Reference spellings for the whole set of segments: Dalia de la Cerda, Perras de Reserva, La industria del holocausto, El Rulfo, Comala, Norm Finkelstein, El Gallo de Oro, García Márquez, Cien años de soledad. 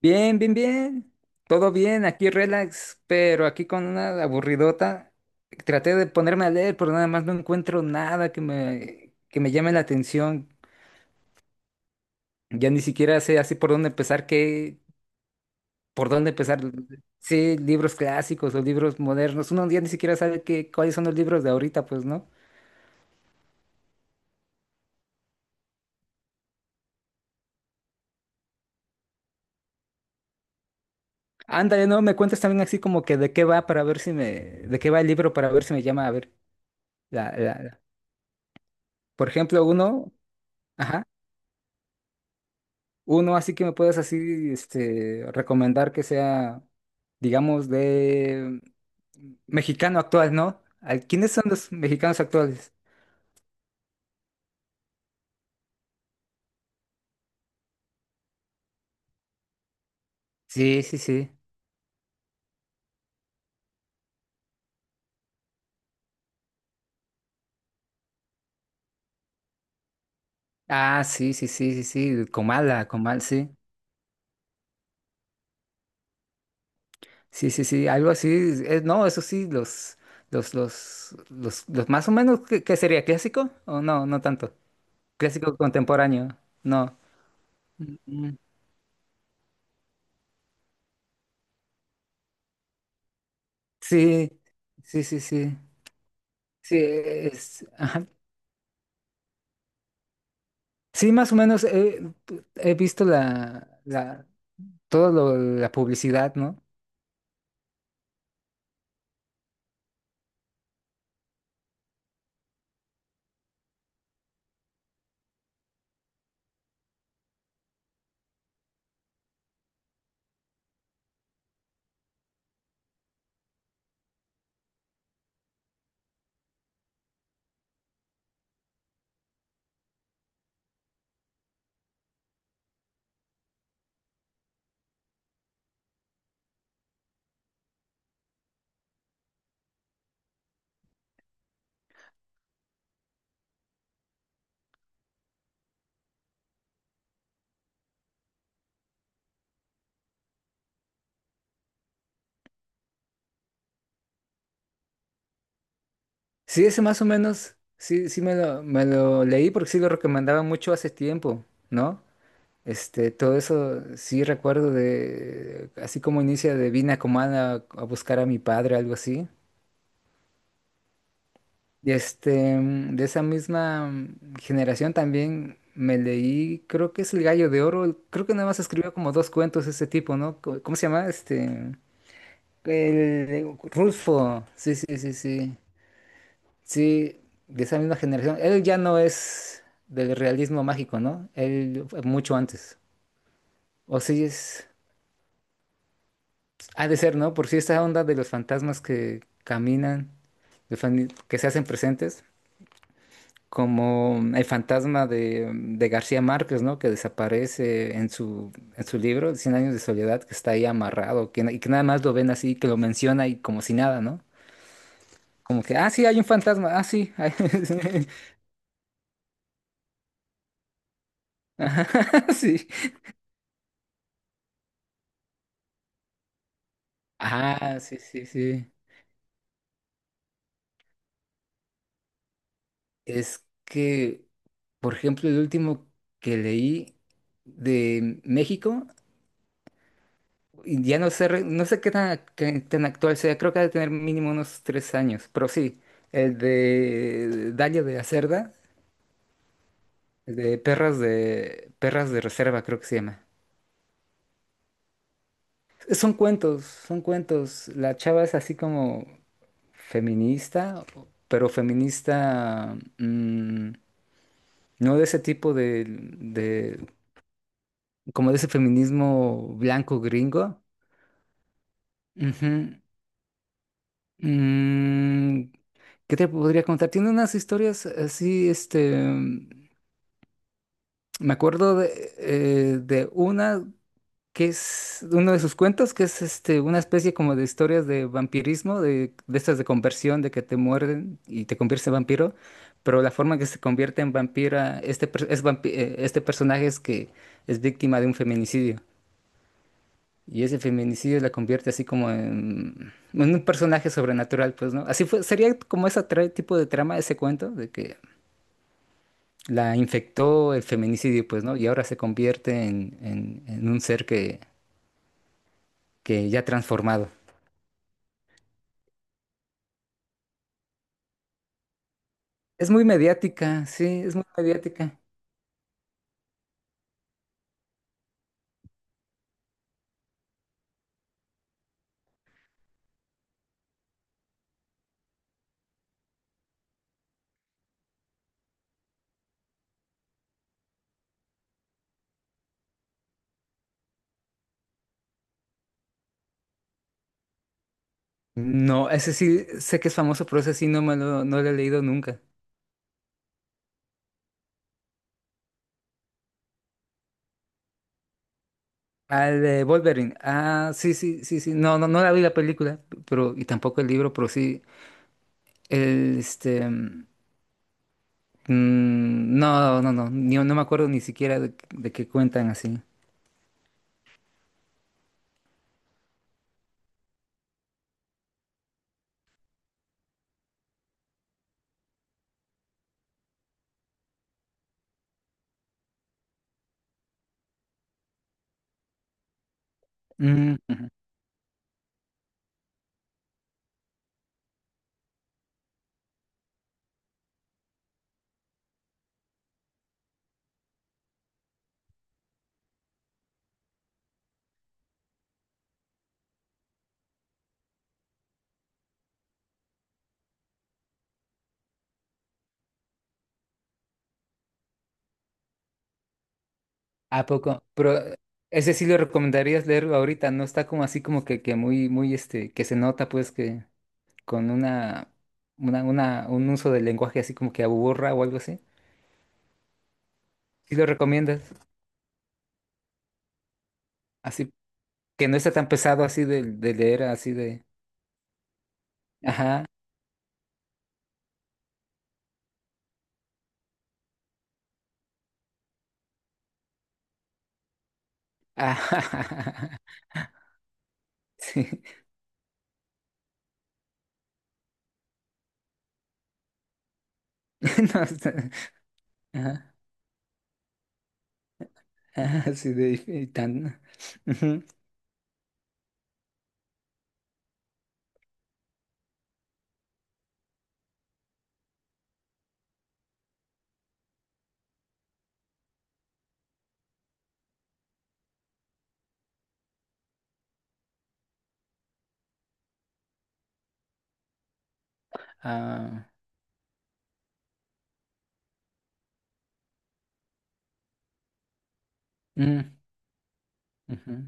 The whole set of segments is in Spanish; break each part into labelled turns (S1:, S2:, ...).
S1: Bien, bien, bien. Todo bien, aquí relax, pero aquí con una aburridota. Traté de ponerme a leer, pero nada más no encuentro nada que me llame la atención. Ya ni siquiera sé así por dónde empezar, por dónde empezar. Sí, libros clásicos o libros modernos. Uno ya ni siquiera sabe cuáles son los libros de ahorita, pues, ¿no? Ándale, no, me cuentas también así como que de qué va el libro para ver si me llama a ver. La, la, la- Por ejemplo, uno, ajá. Uno así que me puedas así, este, recomendar que sea, digamos, de mexicano actual, ¿no? Ay, ¿quiénes son los mexicanos actuales? Sí, sí, sí. Ah, sí, sí, sí, sí, sí. Comala, Comal, sí. Sí, sí, sí. Algo así. No, eso sí, los más o menos, ¿qué sería? ¿Clásico? O no, no tanto. Clásico contemporáneo. No. Mm, sí, sí, sí, sí. Sí, es, ajá. Sí, más o menos he visto la publicidad, ¿no? Sí, ese más o menos, sí, sí me lo leí porque sí lo recomendaba mucho hace tiempo, ¿no? Este, todo eso sí recuerdo de, así como inicia de vine a Comala a buscar a mi padre, algo así. Y este, de esa misma generación también me leí, creo que es El Gallo de Oro, creo que nada más escribió como dos cuentos ese tipo, ¿no? ¿Cómo se llama? Este... El Rulfo, sí, sí, sí, sí, sí, de esa misma generación. Él ya no es del realismo mágico, ¿no? Él fue mucho antes. O sí es, ha de ser, ¿no? Por si esta onda de los fantasmas que caminan, que se hacen presentes, como el fantasma de García Márquez, ¿no? Que desaparece en su libro, Cien años de soledad, que está ahí amarrado, y que nada más lo ven así, que lo menciona y como si nada, ¿no? Como que, ah, sí, hay un fantasma, ah, sí, hay- Ajá, sí. Ah, sí, sí, sí. Es que, por ejemplo, el último que leí de México, y ya no sé, no sé qué tan actual sea, creo que ha de tener mínimo unos 3 años, pero sí, el de Dalia de la Cerda, el de Perras de Reserva, creo que se llama. Son cuentos, son cuentos. La chava es así como feminista, pero feminista no de ese tipo como de ese feminismo blanco gringo. Ujú. Mm, ¿qué te podría contar? Tiene unas historias así, este, me acuerdo de una. Que es uno de sus cuentos, que es este, una especie como de historias de vampirismo, de estas de conversión, de que te muerden y te conviertes en vampiro, pero la forma en que se convierte en vampira, este, este personaje es que es víctima de un feminicidio. Y ese feminicidio la convierte así como en un personaje sobrenatural, pues, ¿no? Así fue, sería como ese tipo de trama, ese cuento, de que la infectó el feminicidio, pues, ¿no? Y ahora se convierte en un ser que ya transformado. Es muy mediática, sí, es muy mediática. No, ese sí, sé que es famoso, pero ese sí no me lo, no lo he leído nunca. Al de Wolverine. Ah, sí, sí, sí, sí. No, no, no la vi la película, pero, y tampoco el libro, pero sí. Este. Mm, no, no, no. No me acuerdo ni siquiera de qué cuentan así. Mm, ujú. ¿A poco? Pero ese sí lo recomendarías leer ahorita, no está como así como que muy, muy, este, que se nota pues que. Con una, un uso del lenguaje así como que aburra o algo así. ¿Sí lo recomiendas? Así que no está tan pesado así de leer, así de... Ajá. Ajá. Sí. No está- Ajá. Ajá, así de... y tan... ujú, ah, mm, ujú.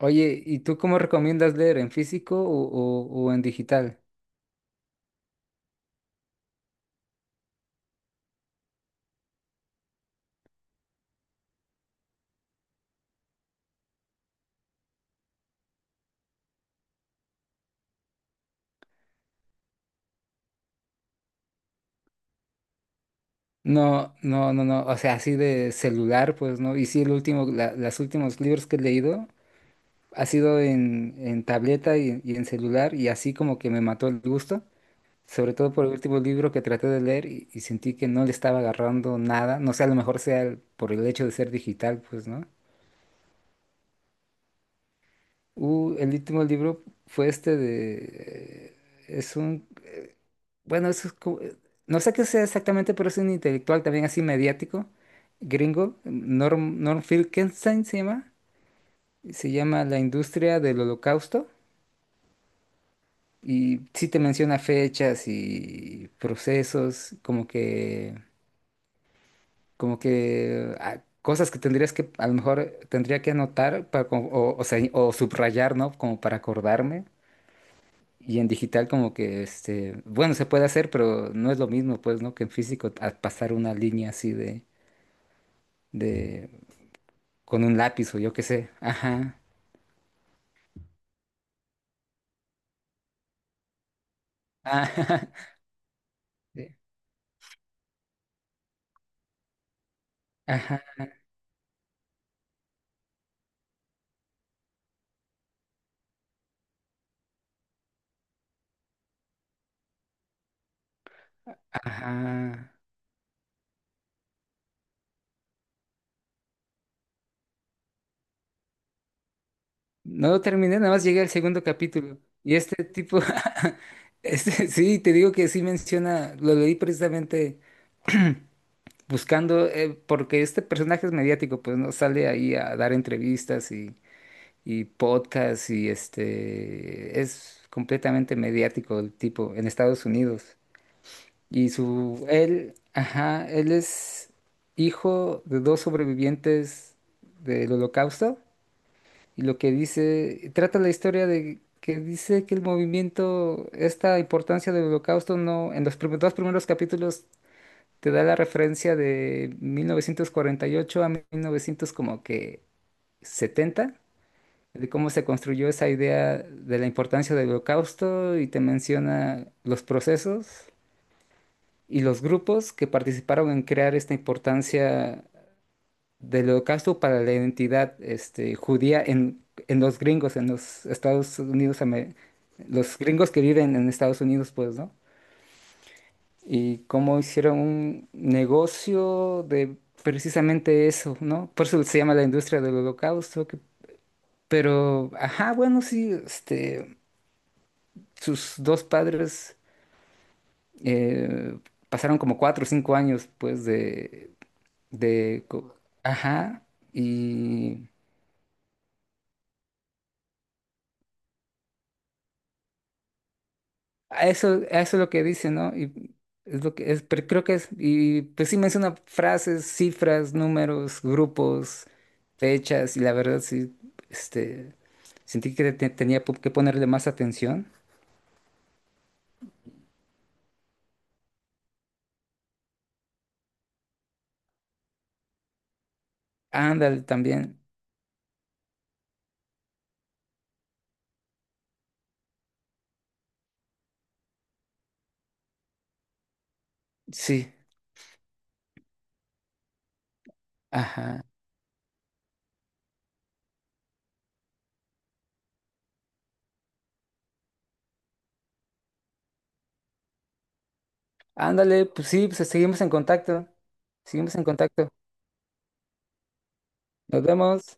S1: Oye, ¿y tú cómo recomiendas leer? ¿En físico o, o en digital? No, no, no, no, o sea, así de celular, pues no. Y sí, el último, los últimos libros que he leído ha sido en tableta y en celular y así como que me mató el gusto, sobre todo por el último libro que traté de leer y sentí que no le estaba agarrando nada, no sé, a lo mejor sea por el hecho de ser digital, pues, ¿no? El último libro fue este de... Es un... Bueno, eso es no sé qué sea exactamente, pero es un intelectual también así mediático, gringo, Norm Finkelstein se llama, La industria del holocausto. Y sí te menciona fechas y procesos, como que cosas que tendrías que, a lo mejor tendría que anotar para, o sea, o subrayar, ¿no? Como para acordarme. Y en digital como que, este, bueno, se puede hacer, pero no es lo mismo, pues, ¿no? Que en físico a pasar una línea así de, con un lápiz o yo qué sé. Ajá. Ajá. Sí. Ajá. Ajá. No lo terminé, nada más llegué al segundo capítulo. Y este tipo, este, sí, te digo que sí menciona, lo leí precisamente buscando, porque este personaje es mediático, pues no sale ahí a dar entrevistas y podcasts y este, es completamente mediático el tipo en Estados Unidos. Y él, ajá, él es hijo de dos sobrevivientes del Holocausto y lo que dice, trata la historia de que dice que el movimiento, esta importancia del Holocausto no, en los dos primeros capítulos te da la referencia de 1948 a 1900 como que 70 de cómo se construyó esa idea de la importancia del Holocausto y te menciona los procesos y los grupos que participaron en crear esta importancia del holocausto para la identidad este, judía en los gringos, en los Estados Unidos, los gringos que viven en Estados Unidos, pues, ¿no? Y cómo hicieron un negocio de precisamente eso, ¿no? Por eso se llama la industria del holocausto, pero, ajá, bueno, sí, este, sus dos padres eh, pasaron como 4 o 5 años, pues, de, co- ajá, y... A eso es lo que dice, ¿no? Y es lo que es, pero creo que es, y pues sí menciona frases, cifras, números, grupos, fechas, y la verdad sí, este, sentí tenía que ponerle más atención. Ándale también, sí, ajá. Ándale, pues sí, pues seguimos en contacto, seguimos en contacto. Nos vemos.